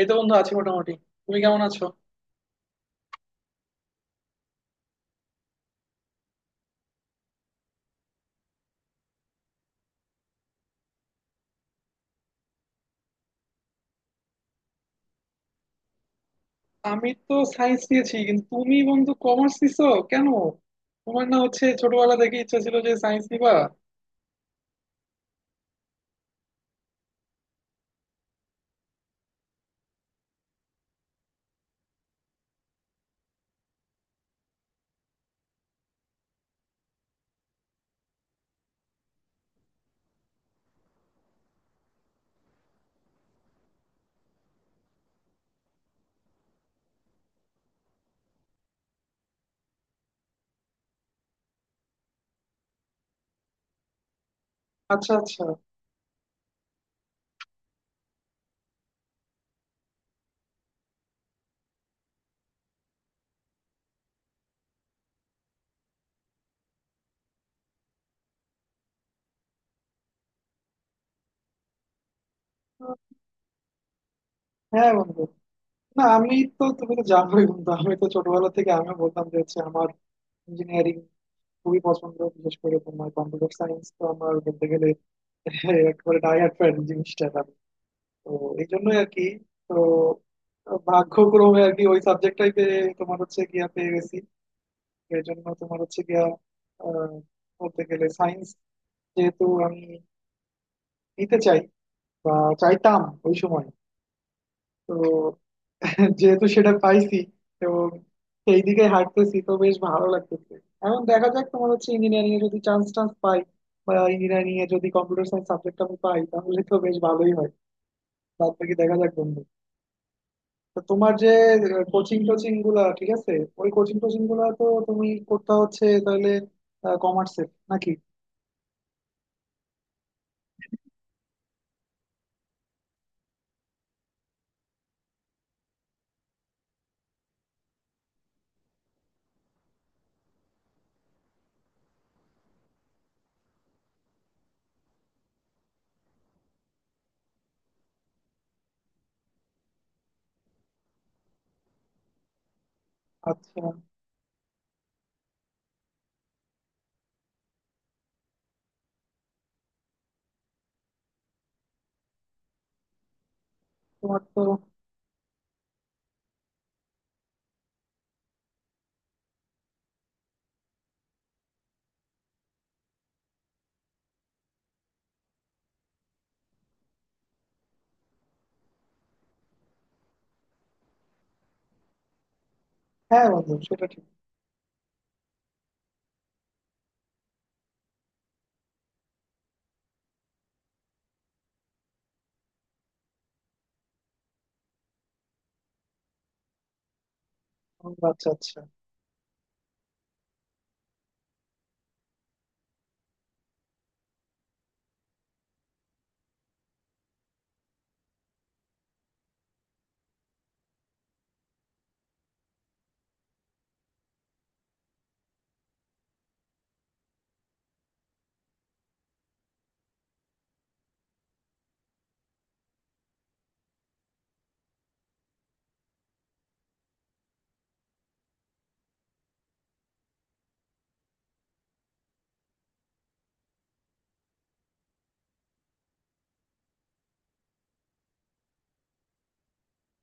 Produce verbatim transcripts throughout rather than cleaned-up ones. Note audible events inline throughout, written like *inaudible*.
এই তো বন্ধু আছি মোটামুটি। তুমি কেমন আছো? আমি তো সায়েন্স নিয়েছি, কিন্তু তুমি বন্ধু কমার্স নিছো কেন? তোমার না হচ্ছে ছোটবেলা থেকে ইচ্ছা ছিল যে সায়েন্স নিবা। আচ্ছা আচ্ছা। হ্যাঁ বন্ধু, না আমি তো, তুমি তো জানোই বন্ধু, আমি তো ছোটবেলা থেকে আমিও বলতাম যে হচ্ছে আমার ইঞ্জিনিয়ারিং খুবই পছন্দ, বিশেষ করে তোমার কম্পিউটার সায়েন্স তো আমার বলতে গেলে *laughs* একেবারে ডাই হার্ড ফ্যান জিনিসটা আমি। তো এই জন্যই আর কি। তো ভাগ্যক্রমে আর কি ওই সাবজেক্টটাই পেয়ে তোমার হচ্ছে গিয়া পেয়ে গেছি। এর জন্য তোমার হচ্ছে গিয়া আহ, বলতে গেলে সায়েন্স যেহেতু আমি নিতে চাই বা চাইতাম ওই সময়। তো *laughs* যেহেতু সেটা পাইছি, তো সেই দিকে হাঁটতেছি, তো বেশ ভালো লাগতেছে। এখন দেখা যাক, তোমার হচ্ছে ইঞ্জিনিয়ারিং এ যদি চান্স টান্স পাই বা ইঞ্জিনিয়ারিং এ যদি কম্পিউটার সায়েন্স সাবজেক্ট আমি পাই তাহলে তো বেশ ভালোই হয়। বাদ বাকি দেখা যাক বন্ধু। তো তোমার যে কোচিং টোচিং গুলা ঠিক আছে? ওই কোচিং টোচিং গুলা তো তুমি করতে হচ্ছে তাহলে, কমার্সের নাকি? আচ্ছা। তোমার তো। হ্যাঁ বন্ধু সেটা ঠিক। বন্ধু, আচ্ছা আচ্ছা।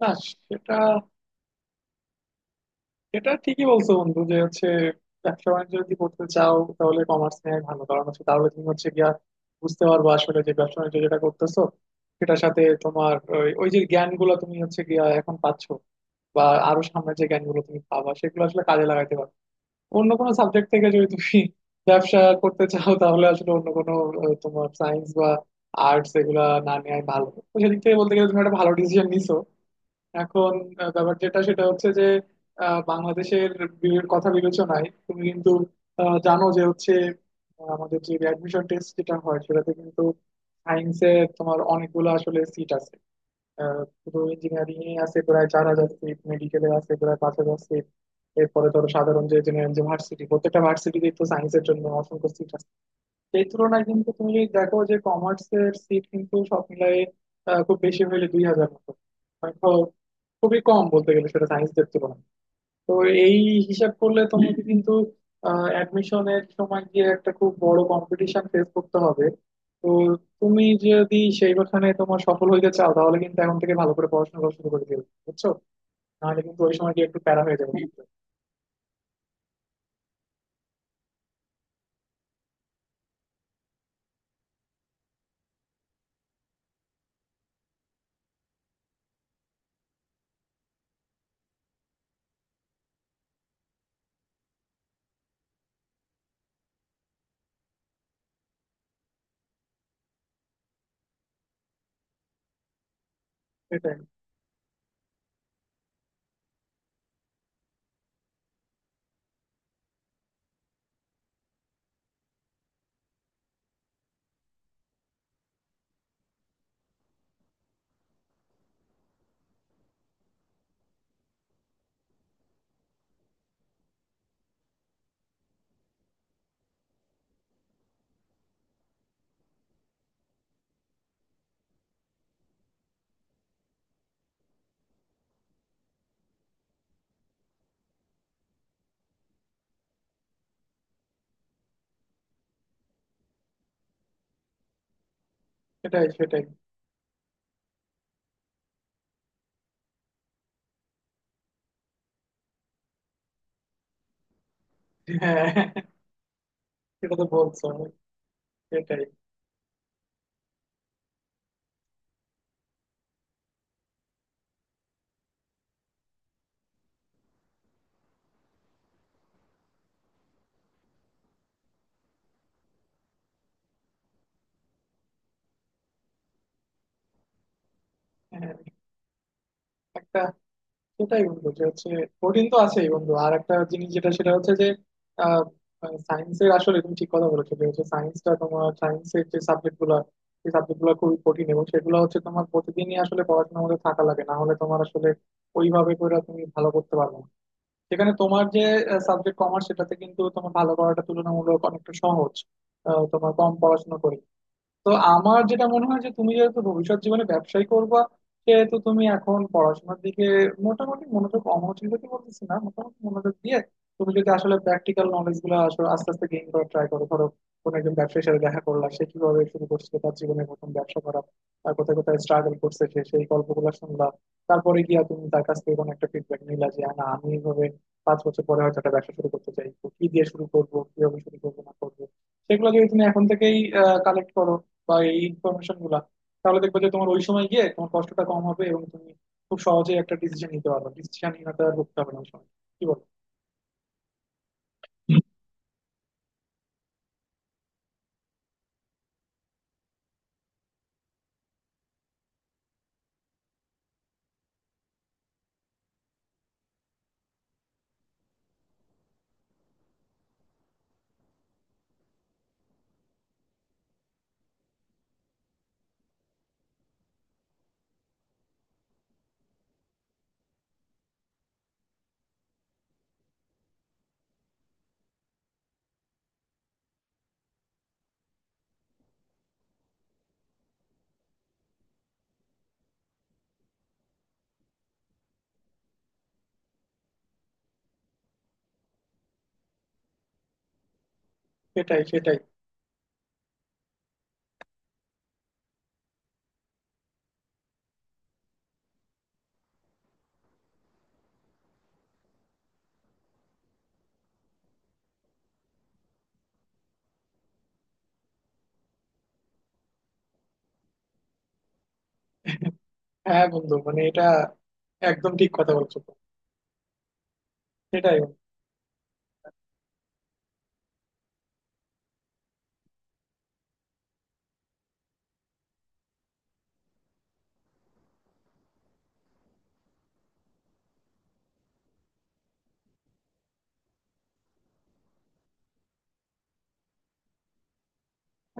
না সেটা, সেটা ঠিকই বলছো বন্ধু যে হচ্ছে ব্যবসা বাণিজ্য যদি করতে চাও তাহলে কমার্স নেওয়াই ভালো, কারণ হচ্ছে তাহলে তুমি হচ্ছে গিয়া বুঝতে পারবো আসলে যে ব্যবসা বাণিজ্য যেটা করতেছো সেটার সাথে তোমার ওই ওই যে জ্ঞান গুলো তুমি হচ্ছে গিয়া এখন পাচ্ছো বা আরো সামনে যে জ্ঞান গুলো তুমি পাবা সেগুলো আসলে কাজে লাগাইতে পারবে। অন্য কোনো সাবজেক্ট থেকে যদি তুমি ব্যবসা করতে চাও তাহলে আসলে অন্য কোনো আহ, তোমার সায়েন্স বা আর্টস এগুলা না নেওয়াই ভালো। তো সেদিক থেকে বলতে গেলে তুমি একটা ভালো ডিসিশন নিছো। এখন আহ, ব্যাপার যেটা সেটা হচ্ছে যে আহ, বাংলাদেশের বি- কথা বিবেচনায় তুমি কিন্তু আহ, জানো যে হচ্ছে আহ, আমাদের যে অ্যাডমিশন টেস্ট যেটা হয় সেটাতে কিন্তু সায়েন্সের তোমার অনেকগুলো আসলে সিট আছে। আহ, শুধু ইঞ্জিনিয়ারিং এ আছে প্রায় চার হাজার সিট, মেডিকেলে আছে প্রায় পাঁচ হাজার সিট। এরপরে ধরো সাধারণ যে জেনারেল যে ভার্সিটি, প্রত্যেকটা ভার্সিটিতে তো সায়েন্সের জন্য অসংখ্য সিট আছে। সেই তুলনায় কিন্তু তুমি যদি দেখো যে কমার্সের সিট কিন্তু সব মিলাই খুব বেশি হলে দুই হাজার মতো। মানে খ- খুবই কম বলতে গেলে সেটা সায়েন্সদের তুলনায়। তো এই হিসাব করলে তোমাকে কিন্তু অ্যাডমিশনের সময় গিয়ে একটা খুব বড় কম্পিটিশন ফেস করতে হবে। তো তুমি যদি সেইখানে তোমার সফল হইতে চাও তাহলে কিন্তু এখন থেকে ভালো করে পড়াশোনা করা শুরু করে দিও, বুঝছো। নাহলে কিন্তু ওই সময় গিয়ে একটু প্যারা হয়ে যাবে হ্যাঁ কিন্তু। সেটাই সেটাই সেটাই। হ্যাঁ সেটা তো বলছো। সেটাই। হ্যাঁ, একটা সেটাই বন্ধু যে হচ্ছে কঠিন তো আছেই বন্ধু। আর একটা জিনিস যেটা সেটা হচ্ছে যে আহ সায়েন্সের আসলে তুমি ঠিক কথা বলেছো যে হচ্ছে সায়েন্সটা তোমার সায়েন্সের যে সাবজেক্ট গুলা, সেই সাবজেক্ট গুলো খুবই কঠিন, এবং সেগুলো হচ্ছে তোমার প্রতিদিনই আসলে পড়াশোনার মধ্যে থাকা লাগে, না হলে তোমার আসলে ওইভাবে করে তুমি ভালো করতে পারবে না। সেখানে তোমার যে সাবজেক্ট কমার্স সেটাতে কিন্তু তোমার ভালো করাটা তুলনামূলক অনেকটা সহজ, আহ, তোমার কম পড়াশোনা করে। তো আমার যেটা মনে হয় যে তুমি যেহেতু ভবিষ্যৎ জীবনে ব্যবসায় করবা সেহেতু তুমি এখন পড়াশোনার দিকে মোটামুটি মনোযোগ, অমনোযোগ দিতে বলতেছি না, মোটামুটি মনোযোগ দিয়ে তুমি যদি আসলে প্র্যাকটিক্যাল নলেজ গুলো আসলে আস্তে আস্তে গেইন করার ট্রাই করো। ধরো কোনো একজন ব্যবসায়ীর সাথে দেখা করলা, সে কিভাবে শুরু করছিল তার জীবনে প্রথম ব্যবসা করা, তার কোথায় কোথায় স্ট্রাগল করছে সে, সেই গল্পগুলো শুনলা, তারপরে গিয়া তুমি তার কাছ থেকে কোনো একটা ফিডব্যাক নিলা যে না আমি এইভাবে পাঁচ বছর পরে হয়তো একটা ব্যবসা শুরু করতে চাই, তো কি দিয়ে শুরু করবো, কিভাবে শুরু করবো না করবো, সেগুলো যদি তুমি এখন থেকেই কালেক্ট করো বা এই ইনফরমেশন গুলা, তাহলে দেখবে যে তোমার ওই সময় গিয়ে তোমার কষ্টটা কম হবে এবং তুমি খুব সহজে একটা ডিসিশন নিতে পারবে, ডিসিশনহীনতা আর ভুগতে হবে না ওই সময়। কি বল। সেটাই সেটাই। হ্যাঁ বন্ধু মানে এটা একদম ঠিক কথা বলছো। তো সেটাই বন্ধু,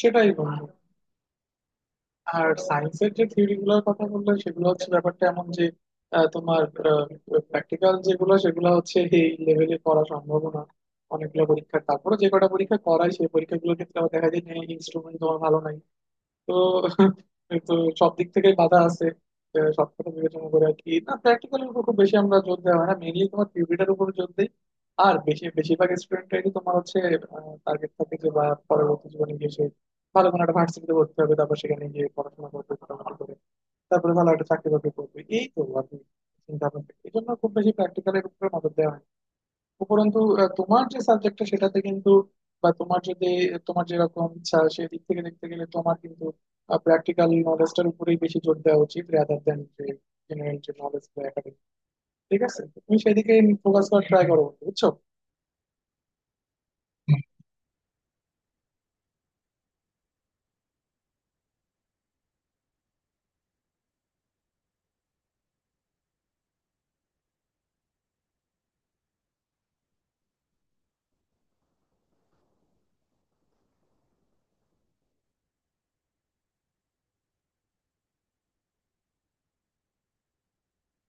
সেটাই বন্ধু। আর সায়েন্সের যে থিওরি গুলোর কথা বললে সেগুলো হচ্ছে ব্যাপারটা এমন যে আহ, তোমার প্র্যাকটিক্যাল যেগুলো সেগুলো হচ্ছে এই লেভেলে করা সম্ভব না। অনেকগুলো পরীক্ষা, তারপরে যে কটা পরীক্ষা করায় সেই পরীক্ষাগুলো ক্ষেত্রে আবার দেখা যায় ইনস্ট্রুমেন্ট তোমার ভালো নাই। তো, তো সব দিক থেকে বাধা আছে। আহ, সব কথা বিবেচনা করে আর কি না প্র্যাকটিক্যালের উপর খুব বেশি আমরা জোর দেওয়া হয় না, মেইনলি তোমার থিওরিটার উপর জোর দেই। আর বেশি বেশিরভাগ স্টুডেন্টরাই তোমার হচ্ছে টার্গেট থাকে যে বা পরবর্তী জীবনে গিয়ে সে ভালো কোনো একটা ভার্সিটিতে ভর্তি হবে, তারপর সেখানে গিয়ে পড়াশোনা করবে ভালো করে, তারপরে ভালো একটা চাকরি বাকরি করবে, এই তো আর কি চিন্তা ভাবনা। এই জন্য খুব বেশি প্র্যাকটিক্যালের উপরে নজর দেওয়া হয় না। উপরন্তু আহ, তোমার যে সাবজেক্টটা সেটাতে কিন্তু বা তোমার যদি তোমার যেরকম ইচ্ছা সেদিক থেকে দেখতে গেলে তোমার কিন্তু প্র্যাকটিক্যাল নলেজটার উপরেই বেশি জোর দেওয়া উচিত, রাদার দ্যান যে জেনারেল যে নলেজ বা একাডেমিক। ঠিক আছে, তো তুমি সেদিকে ফোকাস করার ট্রাই করো বন্ধু, বুঝছো।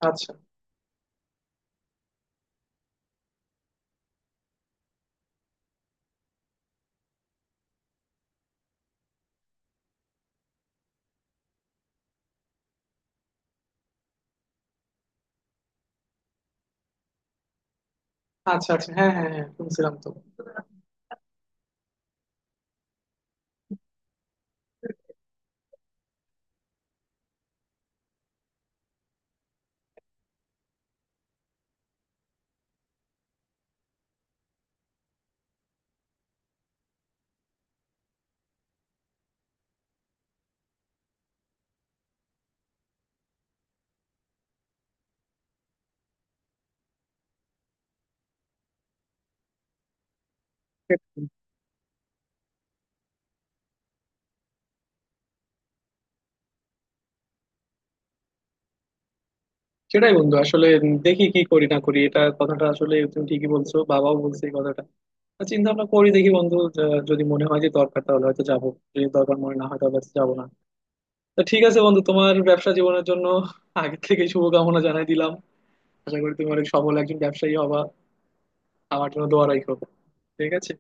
আচ্ছা আচ্ছা আচ্ছা, হ্যাঁ হ্যাঁ হ্যাঁ শুনছিলাম তো। সেটাই বন্ধু আসলে দেখি কি করি না করি, এটা কথাটা আসলে তুমি ঠিকই বলছো, বাবাও বলছে এই কথাটা। চিন্তা ভাবনা করি দেখি বন্ধু, যা- যদি মনে হয় যে দরকার তাহলে হয়তো যাবো, যদি দরকার মনে না হয় তাহলে হয়তো যাবো না। তো ঠিক আছে বন্ধু, তোমার ব্যবসা জীবনের জন্য আগে থেকে শুভকামনা জানাই দিলাম। আশা করি তুমি অনেক সফল একজন ব্যবসায়ী হবা। আমার জন্য দোয়া রাখো। ঠিক আছে।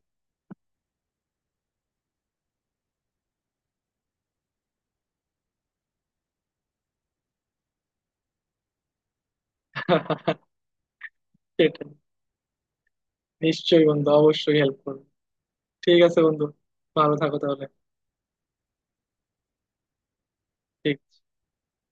*laughs* সেটাই। নিশ্চয়ই বন্ধু, অবশ্যই হেল্প করবো। ঠিক আছে বন্ধু, ভালো থাকো তাহলে। ঠিক